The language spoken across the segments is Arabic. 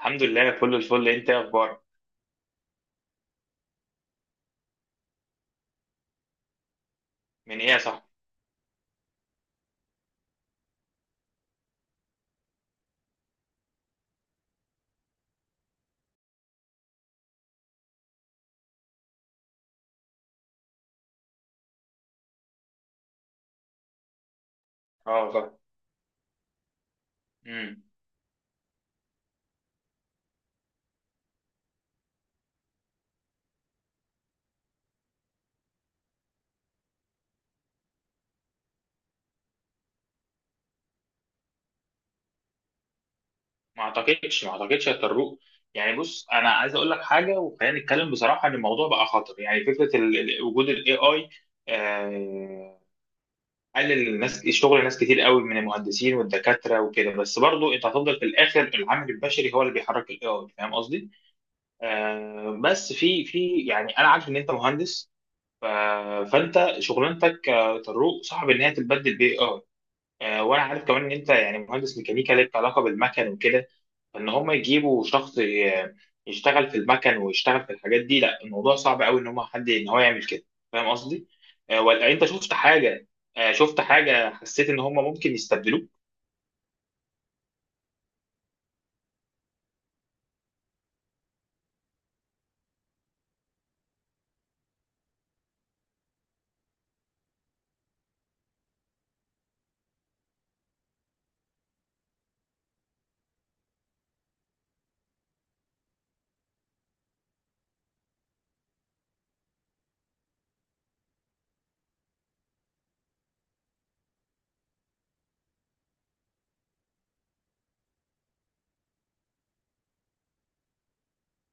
الحمد لله، كل الفل. انت ايه اخبارك؟ من ايه يا صاحبي؟ اه والله. امم. ما اعتقدش، ما اعتقدش يا طروق. يعني بص، انا عايز اقول لك حاجه وخلينا نتكلم بصراحه ان الموضوع بقى خطر. يعني فكره وجود الاي اي قلل الناس، شغل ناس كتير قوي من المهندسين والدكاتره وكده. بس برضو انت هتفضل في الاخر، العامل البشري هو اللي بيحرك الاي اي. فاهم قصدي؟ بس في يعني انا عارف ان انت مهندس ف... فانت شغلانتك، طروق، صعب ان هي تتبدل باي اي. وانا عارف كمان ان انت يعني مهندس ميكانيكا ليك علاقه بالمكن وكده. فان هم يجيبوا شخص يشتغل في المكن ويشتغل في الحاجات دي. لا، الموضوع صعب قوي ان هم حد ان هو يعمل كده. فاهم قصدي؟ ولا انت شفت حاجه؟ شفت حاجه حسيت ان هم ممكن يستبدلوك؟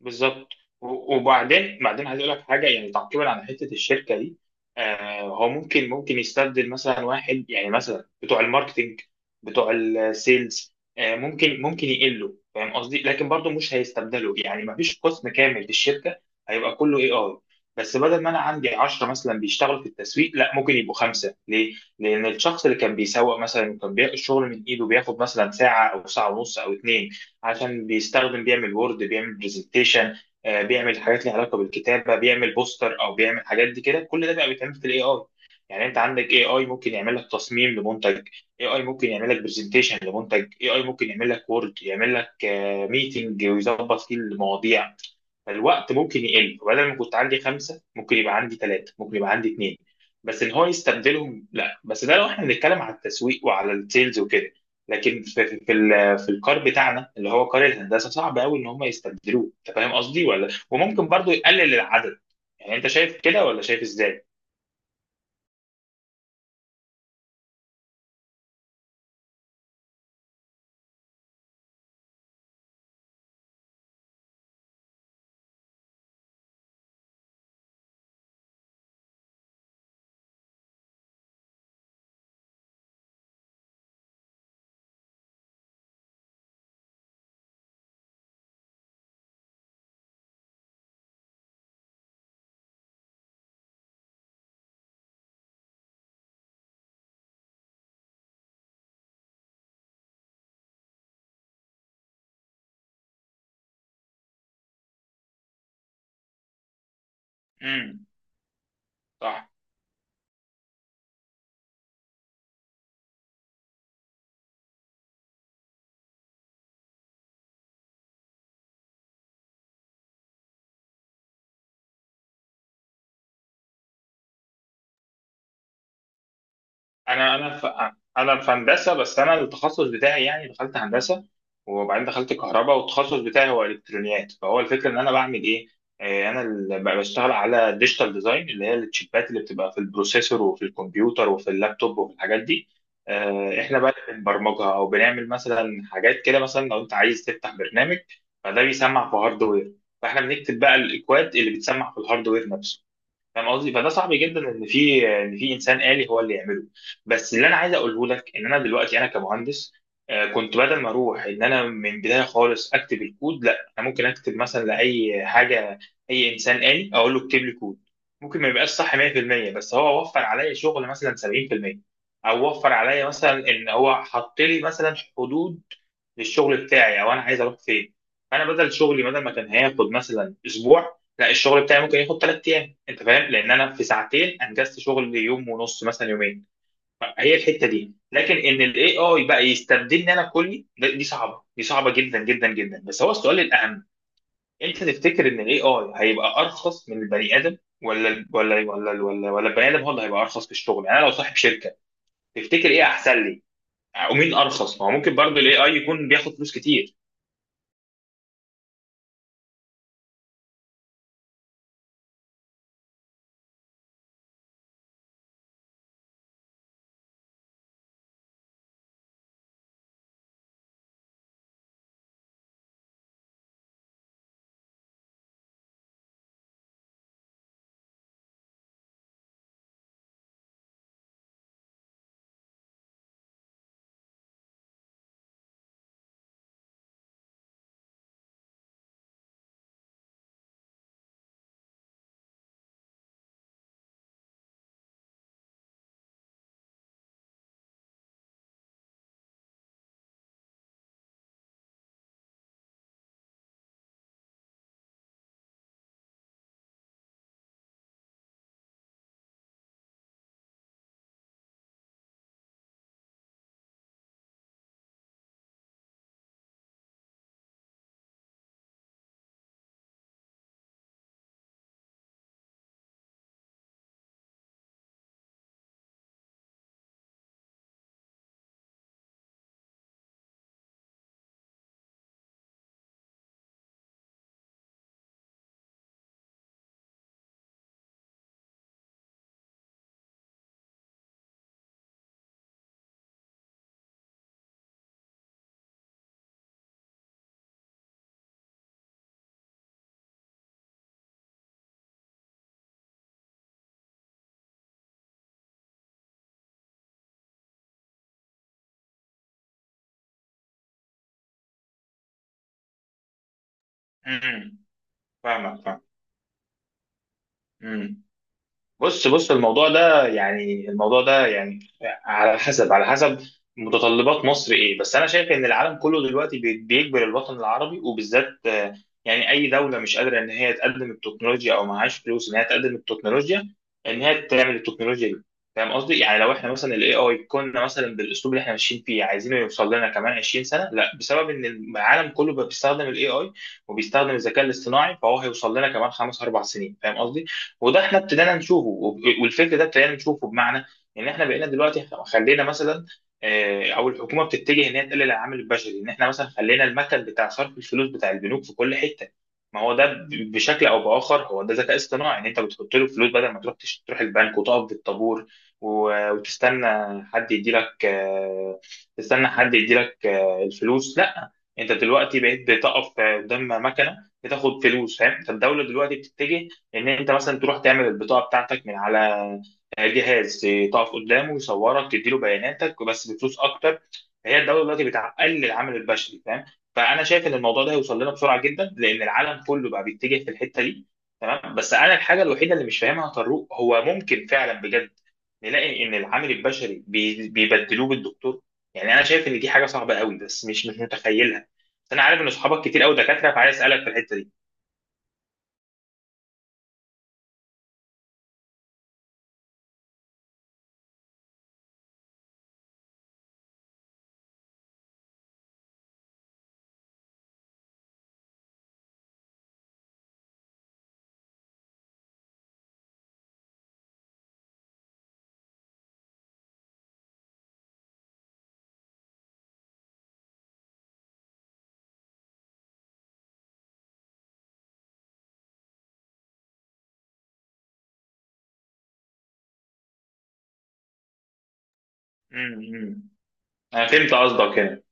بالظبط. و- وبعدين بعدين عايز اقول لك حاجه يعني تعقيبا على حته الشركه دي. هو ممكن يستبدل مثلا واحد، يعني مثلا بتوع الماركتينج، بتوع السيلز. ممكن يقلوا. فاهم قصدي؟ لكن برضه مش هيستبدلوا، يعني ما فيش قسم كامل في الشركه هيبقى كله اي اي. بس بدل ما انا عندي 10 مثلا بيشتغلوا في التسويق، لا، ممكن يبقوا خمسه. ليه؟ لان الشخص اللي كان بيسوق مثلا، وكان بياخد الشغل من ايده، بياخد مثلا ساعه او ساعه ونص او اتنين، عشان بيستخدم، بيعمل وورد، بيعمل برزنتيشن، بيعمل حاجات ليها علاقه بالكتابه، بيعمل بوستر او بيعمل حاجات دي كده. كل ده بقى بيتعمل في الاي اي. يعني انت عندك اي اي ممكن يعمل لك تصميم لمنتج، اي اي ممكن يعمل لك برزنتيشن لمنتج، اي اي ممكن يعمل لك وورد، يعمل لك ميتنج ويظبط فيه المواضيع. فالوقت ممكن يقل. بدل ما كنت عندي خمسة، ممكن يبقى عندي ثلاثة، ممكن يبقى عندي اثنين. بس ان هو يستبدلهم، لا. بس ده لو احنا بنتكلم على التسويق وعلى السيلز وكده. لكن في الكار بتاعنا اللي هو كار الهندسة، صعب قوي ان هم يستبدلوه. انت فاهم قصدي؟ ولا وممكن برضو يقلل العدد؟ يعني انت شايف كده ولا شايف ازاي؟ امم. صح. انا انا ف... انا في هندسه. بس انا التخصص بتاعي يعني دخلت هندسه، وبعدين دخلت كهرباء، والتخصص بتاعي هو الكترونيات. فهو الفكره ان انا بعمل ايه؟ انا اللي بشتغل على ديجيتال ديزاين، اللي هي التشيبات اللي بتبقى في البروسيسور وفي الكمبيوتر وفي اللابتوب وفي الحاجات دي. احنا بقى اللي بنبرمجها، او بنعمل مثلا حاجات كده. مثلا لو انت عايز تفتح برنامج، فده بيسمع في هاردوير. فاحنا بنكتب بقى الاكواد اللي بتسمع في الهاردوير نفسه. فاهم قصدي؟ فده صعب جدا ان في ان في انسان آلي هو اللي يعمله. بس اللي انا عايز اقوله لك، ان انا دلوقتي انا كمهندس، كنت بدل ما اروح ان انا من بدايه خالص اكتب الكود، لا انا ممكن اكتب مثلا لاي حاجه. اي انسان آلي اقول له اكتب لي كود، ممكن ما يبقاش صح 100%، بس هو وفر عليا شغل مثلا 70%، او وفر عليا مثلا ان هو حط لي مثلا حدود للشغل بتاعي، او انا عايز اروح فين. فانا بدل شغلي، بدل ما كان هياخد مثلا اسبوع، لا، الشغل بتاعي ممكن ياخد 3 ايام. انت فاهم؟ لان انا في ساعتين انجزت شغل يوم ونص، مثلا يومين. هي الحته دي. لكن ان الاي اي بقى يستبدلني انا كلي، دي صعبه، دي صعبه جدا جدا جدا. بس هو السؤال الاهم، انت تفتكر ان الاي اي هيبقى ارخص من البني ادم، ولا ال- ولا ولا ولا ولا البني ادم هو اللي هيبقى ارخص في الشغل؟ يعني انا لو صاحب شركه، تفتكر ايه احسن لي ومين ارخص؟ ما هو ممكن برضه الاي اي يكون بياخد فلوس كتير. امم. فاهمك. فاهم. بص، الموضوع ده يعني، الموضوع ده يعني على حسب متطلبات مصر ايه. بس انا شايف ان العالم كله دلوقتي بيجبر الوطن العربي، وبالذات يعني اي دوله مش قادره ان هي تقدم التكنولوجيا، او معهاش فلوس ان هي تقدم التكنولوجيا، ان هي تعمل التكنولوجيا دي. فاهم قصدي؟ يعني لو احنا مثلا الاي اي كنا مثلا بالاسلوب اللي احنا ماشيين فيه، عايزينه يوصل لنا كمان 20 سنه. لا، بسبب ان العالم كله بقى بيستخدم الاي اي وبيستخدم الذكاء الاصطناعي، فهو هيوصل لنا كمان خمس اربع سنين. فاهم قصدي؟ وده احنا ابتدينا نشوفه، وب- والفكر ده ابتدينا نشوفه بمعنى ان احنا بقينا دلوقتي خلينا مثلا، او الحكومه بتتجه ان هي تقلل العامل البشري. ان احنا مثلا خلينا المثل بتاع صرف الفلوس بتاع البنوك في كل حته، ما هو ده بشكل او باخر هو ده ذكاء اصطناعي. ان انت بتحط له فلوس بدل ما تروح تروح البنك وتقف في الطابور و- وتستنى حد يدي لك، تستنى حد يدي لك الفلوس. لا، انت دلوقتي بقيت بتقف قدام مكنه بتاخد فلوس. فاهم؟ فالدوله دلوقتي بتتجه ان انت مثلا تروح تعمل البطاقه بتاعتك من على جهاز، تقف قدامه يصورك تديله بياناتك، بس بفلوس اكتر. هي الدوله دلوقتي بتقلل العمل البشري. فاهم؟ فانا شايف ان الموضوع ده هيوصل لنا بسرعه جدا، لان العالم كله بقى بيتجه في الحته دي. تمام. بس انا الحاجه الوحيده اللي مش فاهمها يا طارق، هو ممكن فعلا بجد نلاقي ان العامل البشري بيبدلوه بالدكتور؟ يعني انا شايف ان دي حاجه صعبه قوي، بس مش متخيلها. بس انا عارف ان اصحابك كتير قوي دكاتره، فعايز اسالك في الحته دي. امم، انا فهمت قصدك يعني.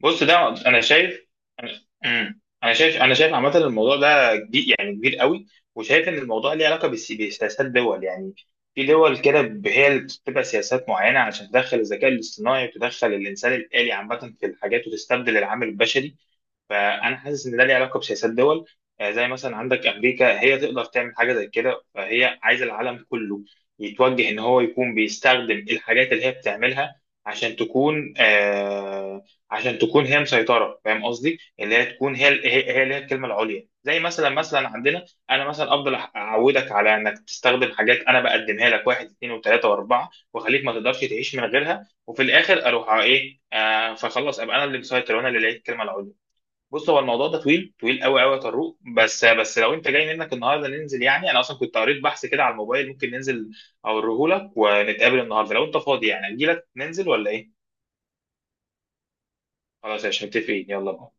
بص، انا شايف انا أمم. انا شايف انا شايف عامه الموضوع ده كبير، يعني كبير قوي. وشايف ان الموضوع ليه علاقه بسياسات دول، يعني في دول كده هي اللي بتتبع سياسات معينه عشان تدخل الذكاء الاصطناعي وتدخل الانسان الالي عامه في الحاجات وتستبدل العامل البشري. فانا حاسس ان ده ليه علاقه بسياسات دول. زي مثلا عندك امريكا، هي تقدر تعمل حاجه زي كده، فهي عايزه العالم كله يتوجه ان هو يكون بيستخدم الحاجات اللي هي بتعملها، عشان تكون آه عشان تكون هي مسيطره. فاهم قصدي؟ اللي هي تكون هي اللي هي الكلمه العليا. زي مثلا عندنا، انا مثلا افضل اعودك على انك تستخدم حاجات انا بقدمها لك، واحد، اثنين، وثلاثه، واربعه، واخليك ما تقدرش تعيش من غيرها. وفي الاخر اروح على ايه؟ فخلص، ابقى انا اللي مسيطر، وانا اللي لقيت الكلمه العليا. بص، هو الموضوع ده طويل طويل قوي قوي يا طارق. بس لو انت جاي منك النهارده ننزل، يعني انا اصلا كنت قريت بحث كده على الموبايل، ممكن ننزل اوريه لك، ونتقابل النهارده لو انت فاضي. يعني اجي لك ننزل ولا ايه؟ خلاص يا باشا، متفقين، يلا بقى.